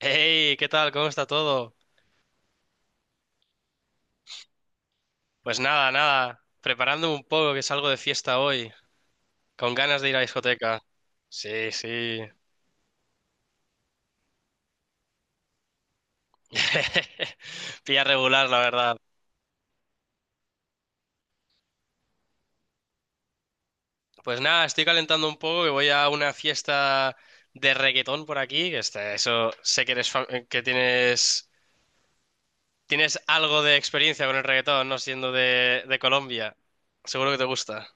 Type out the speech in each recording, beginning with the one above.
Hey, ¿qué tal? ¿Cómo está todo? Pues nada, nada, preparándome un poco que salgo de fiesta hoy, con ganas de ir a discoteca. Sí, sí. Pilla regular, la verdad. Pues nada, estoy calentando un poco que voy a una fiesta de reggaetón por aquí, que está, eso sé que eres que tienes algo de experiencia con el reggaetón, no siendo de Colombia. Seguro que te gusta.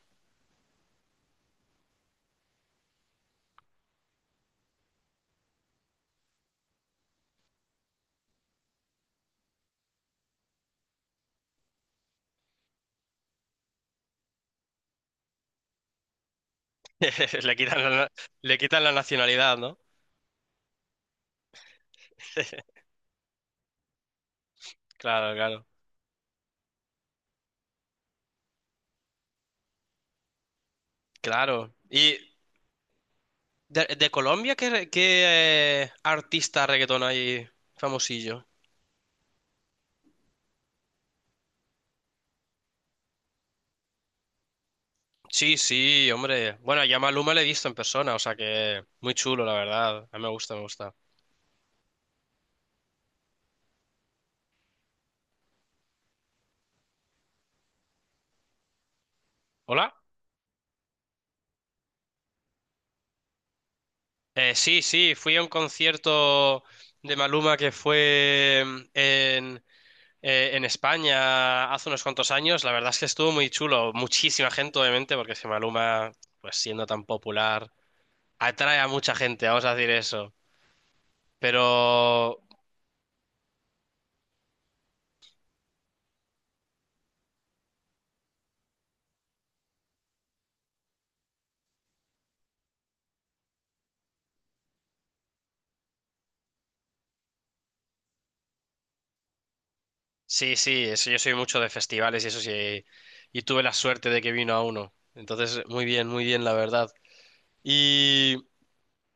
Le quitan la, le quitan la nacionalidad, ¿no? Claro, claro. Claro. Y ¿de, de Colombia qué, qué, artista reggaetón hay famosillo? Sí, sí, hombre. Bueno, ya Maluma le he visto en persona, o sea que muy chulo, la verdad. A mí me gusta, me gusta. ¿Hola? Sí, sí, fui a un concierto de Maluma que fue en España hace unos cuantos años. La verdad es que estuvo muy chulo. Muchísima gente, obviamente, porque si Maluma, pues siendo tan popular, atrae a mucha gente, vamos a decir eso. Pero sí, sí, eso, yo soy mucho de festivales y eso sí, y tuve la suerte de que vino a uno. Entonces, muy bien, la verdad. ¿Y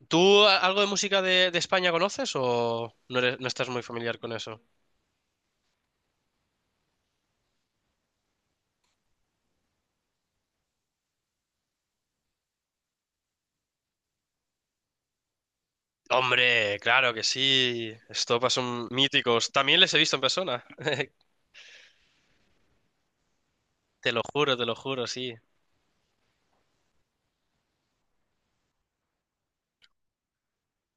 tú algo de música de España conoces o no no estás muy familiar con eso? Hombre, claro que sí. Estopa son míticos. También les he visto en persona. Te lo juro, sí.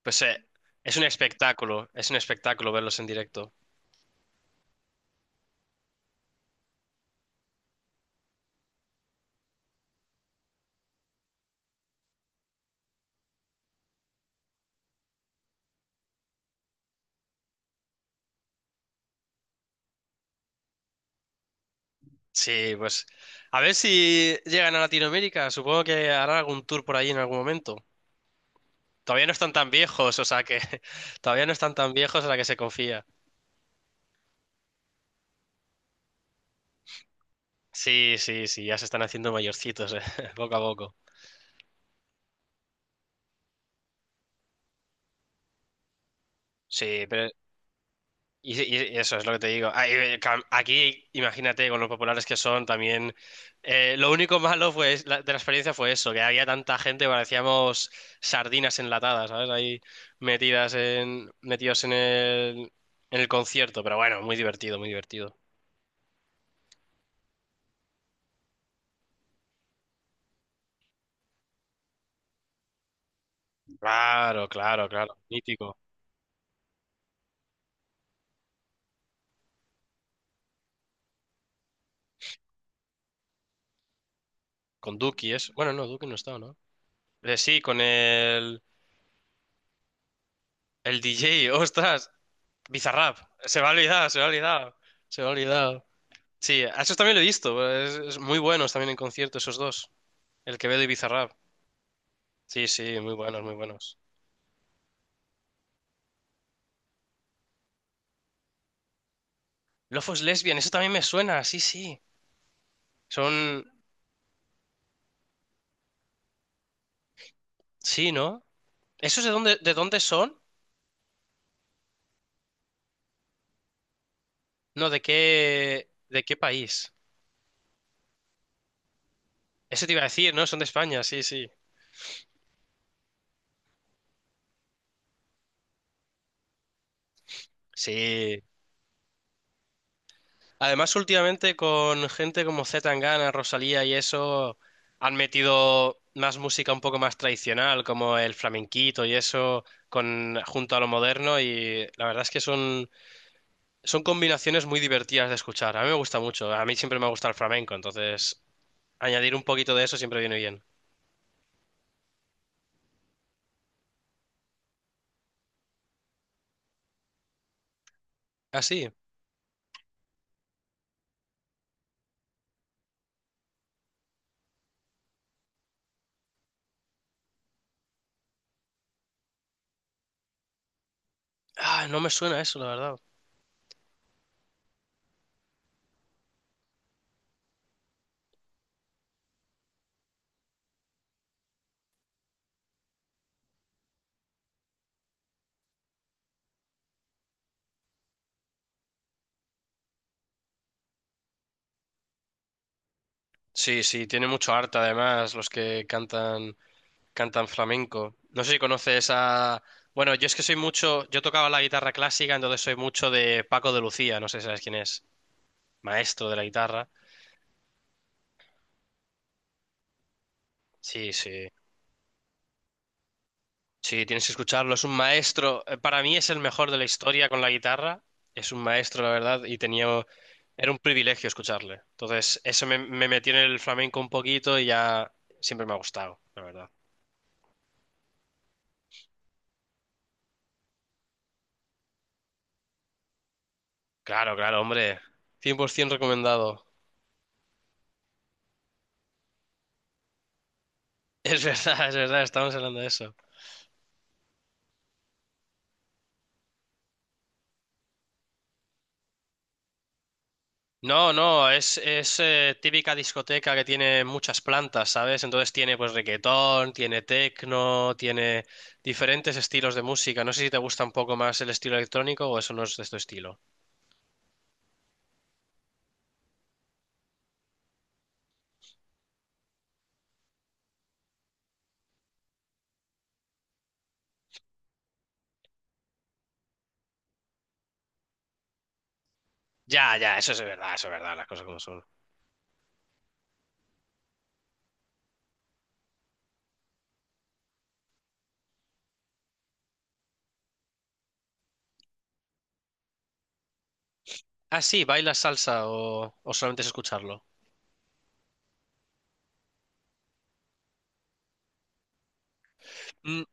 Pues es un espectáculo verlos en directo. Sí, pues a ver si llegan a Latinoamérica. Supongo que harán algún tour por ahí en algún momento. Todavía no están tan viejos, o sea que todavía no están tan viejos a la que se confía. Sí, sí, sí, ya se están haciendo mayorcitos, poco a poco. Sí, pero y eso es lo que te digo. Ah, aquí, imagínate, con los populares que son también. Lo único malo fue de la experiencia fue eso, que había tanta gente que parecíamos sardinas enlatadas, ¿sabes? Ahí metidas en, metidos en el concierto, pero bueno, muy divertido, muy divertido. Claro, claro, claro. Mítico. Con Duki es. Bueno, no, Duki no está, ¿no? Sí, con el DJ, ostras, Bizarrap, se me ha olvidado, se me ha olvidado, se me ha olvidado. Sí, a esos también lo he visto, es muy buenos también en concierto esos dos, el Quevedo y Bizarrap. Sí, sí, muy buenos, muy buenos. Lofos Lesbian, eso también me suena, sí, sí. Son, sí, ¿no? ¿Esos de dónde son? No, de qué país? Eso te iba a decir, ¿no? Son de España, sí, sí. Sí, además, últimamente con gente como C. Tangana, Rosalía y eso, han metido más música un poco más tradicional, como el flamenquito y eso, con, junto a lo moderno, y la verdad es que son, son combinaciones muy divertidas de escuchar. A mí me gusta mucho, a mí siempre me ha gustado el flamenco, entonces añadir un poquito de eso siempre viene bien. Ah, sí. Ah, no me suena eso, la verdad. Sí, sí, tiene mucho arte además los que cantan. Cantan flamenco. No sé si conoces a... Bueno, yo es que soy mucho... Yo tocaba la guitarra clásica, entonces soy mucho de Paco de Lucía. No sé si sabes quién es. Maestro de la guitarra. Sí, sí. Sí, tienes que escucharlo. Es un maestro. Para mí es el mejor de la historia con la guitarra. Es un maestro, la verdad, y tenía... Era un privilegio escucharle. Entonces, eso me, me metió en el flamenco un poquito y ya siempre me ha gustado, la verdad. Claro, claro, hombre. 100% recomendado. Es verdad, es verdad, estamos hablando de eso. No, no, es típica discoteca que tiene muchas plantas, ¿sabes? Entonces tiene pues reggaetón, tiene techno, tiene diferentes estilos de música. No sé si te gusta un poco más el estilo electrónico o eso no es de tu estilo. Ya, ya, eso es verdad, las cosas como son. Ah, sí, ¿bailas salsa o solamente es escucharlo? Mm,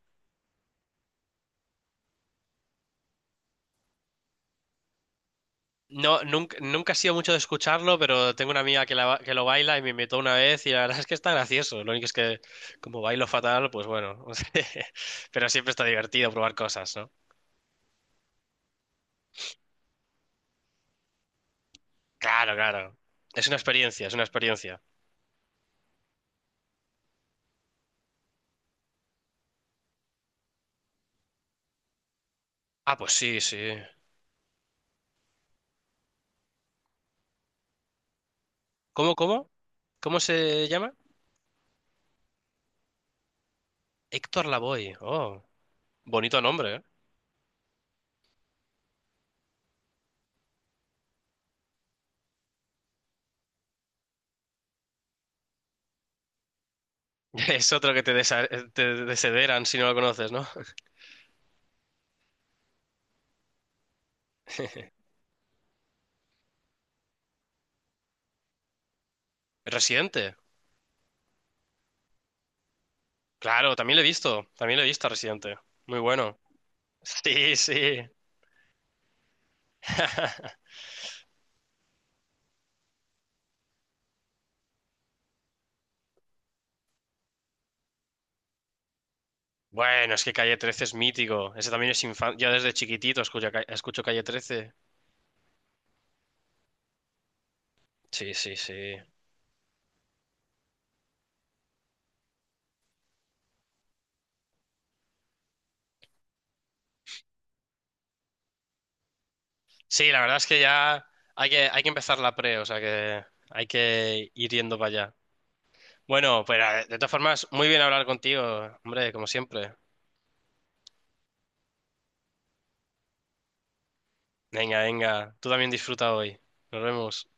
No, nunca, nunca he sido mucho de escucharlo, pero tengo una amiga que, la que lo baila y me invitó una vez y la verdad es que está gracioso. Lo único es que como bailo fatal, pues bueno, pero siempre está divertido probar cosas, ¿no? Claro, claro. Es una experiencia, es una experiencia. Ah, pues sí, sí. ¿Cómo, cómo? ¿Cómo se llama? Héctor Lavoe. Oh, bonito nombre, ¿eh? Es otro que te, te desederan si no lo conoces, ¿no? Residente. Claro, también lo he visto. También lo he visto a Residente. Muy bueno. Sí, sí. Bueno, es que Calle 13 es mítico. Ese también es infancia. Yo desde chiquitito escucho, escucho Calle 13. Sí, sí, sí. Sí, la verdad es que ya hay que empezar la pre, o sea que hay que ir yendo para allá. Bueno, pues de todas formas, muy bien hablar contigo, hombre, como siempre. Venga, venga, tú también disfruta hoy. Nos vemos.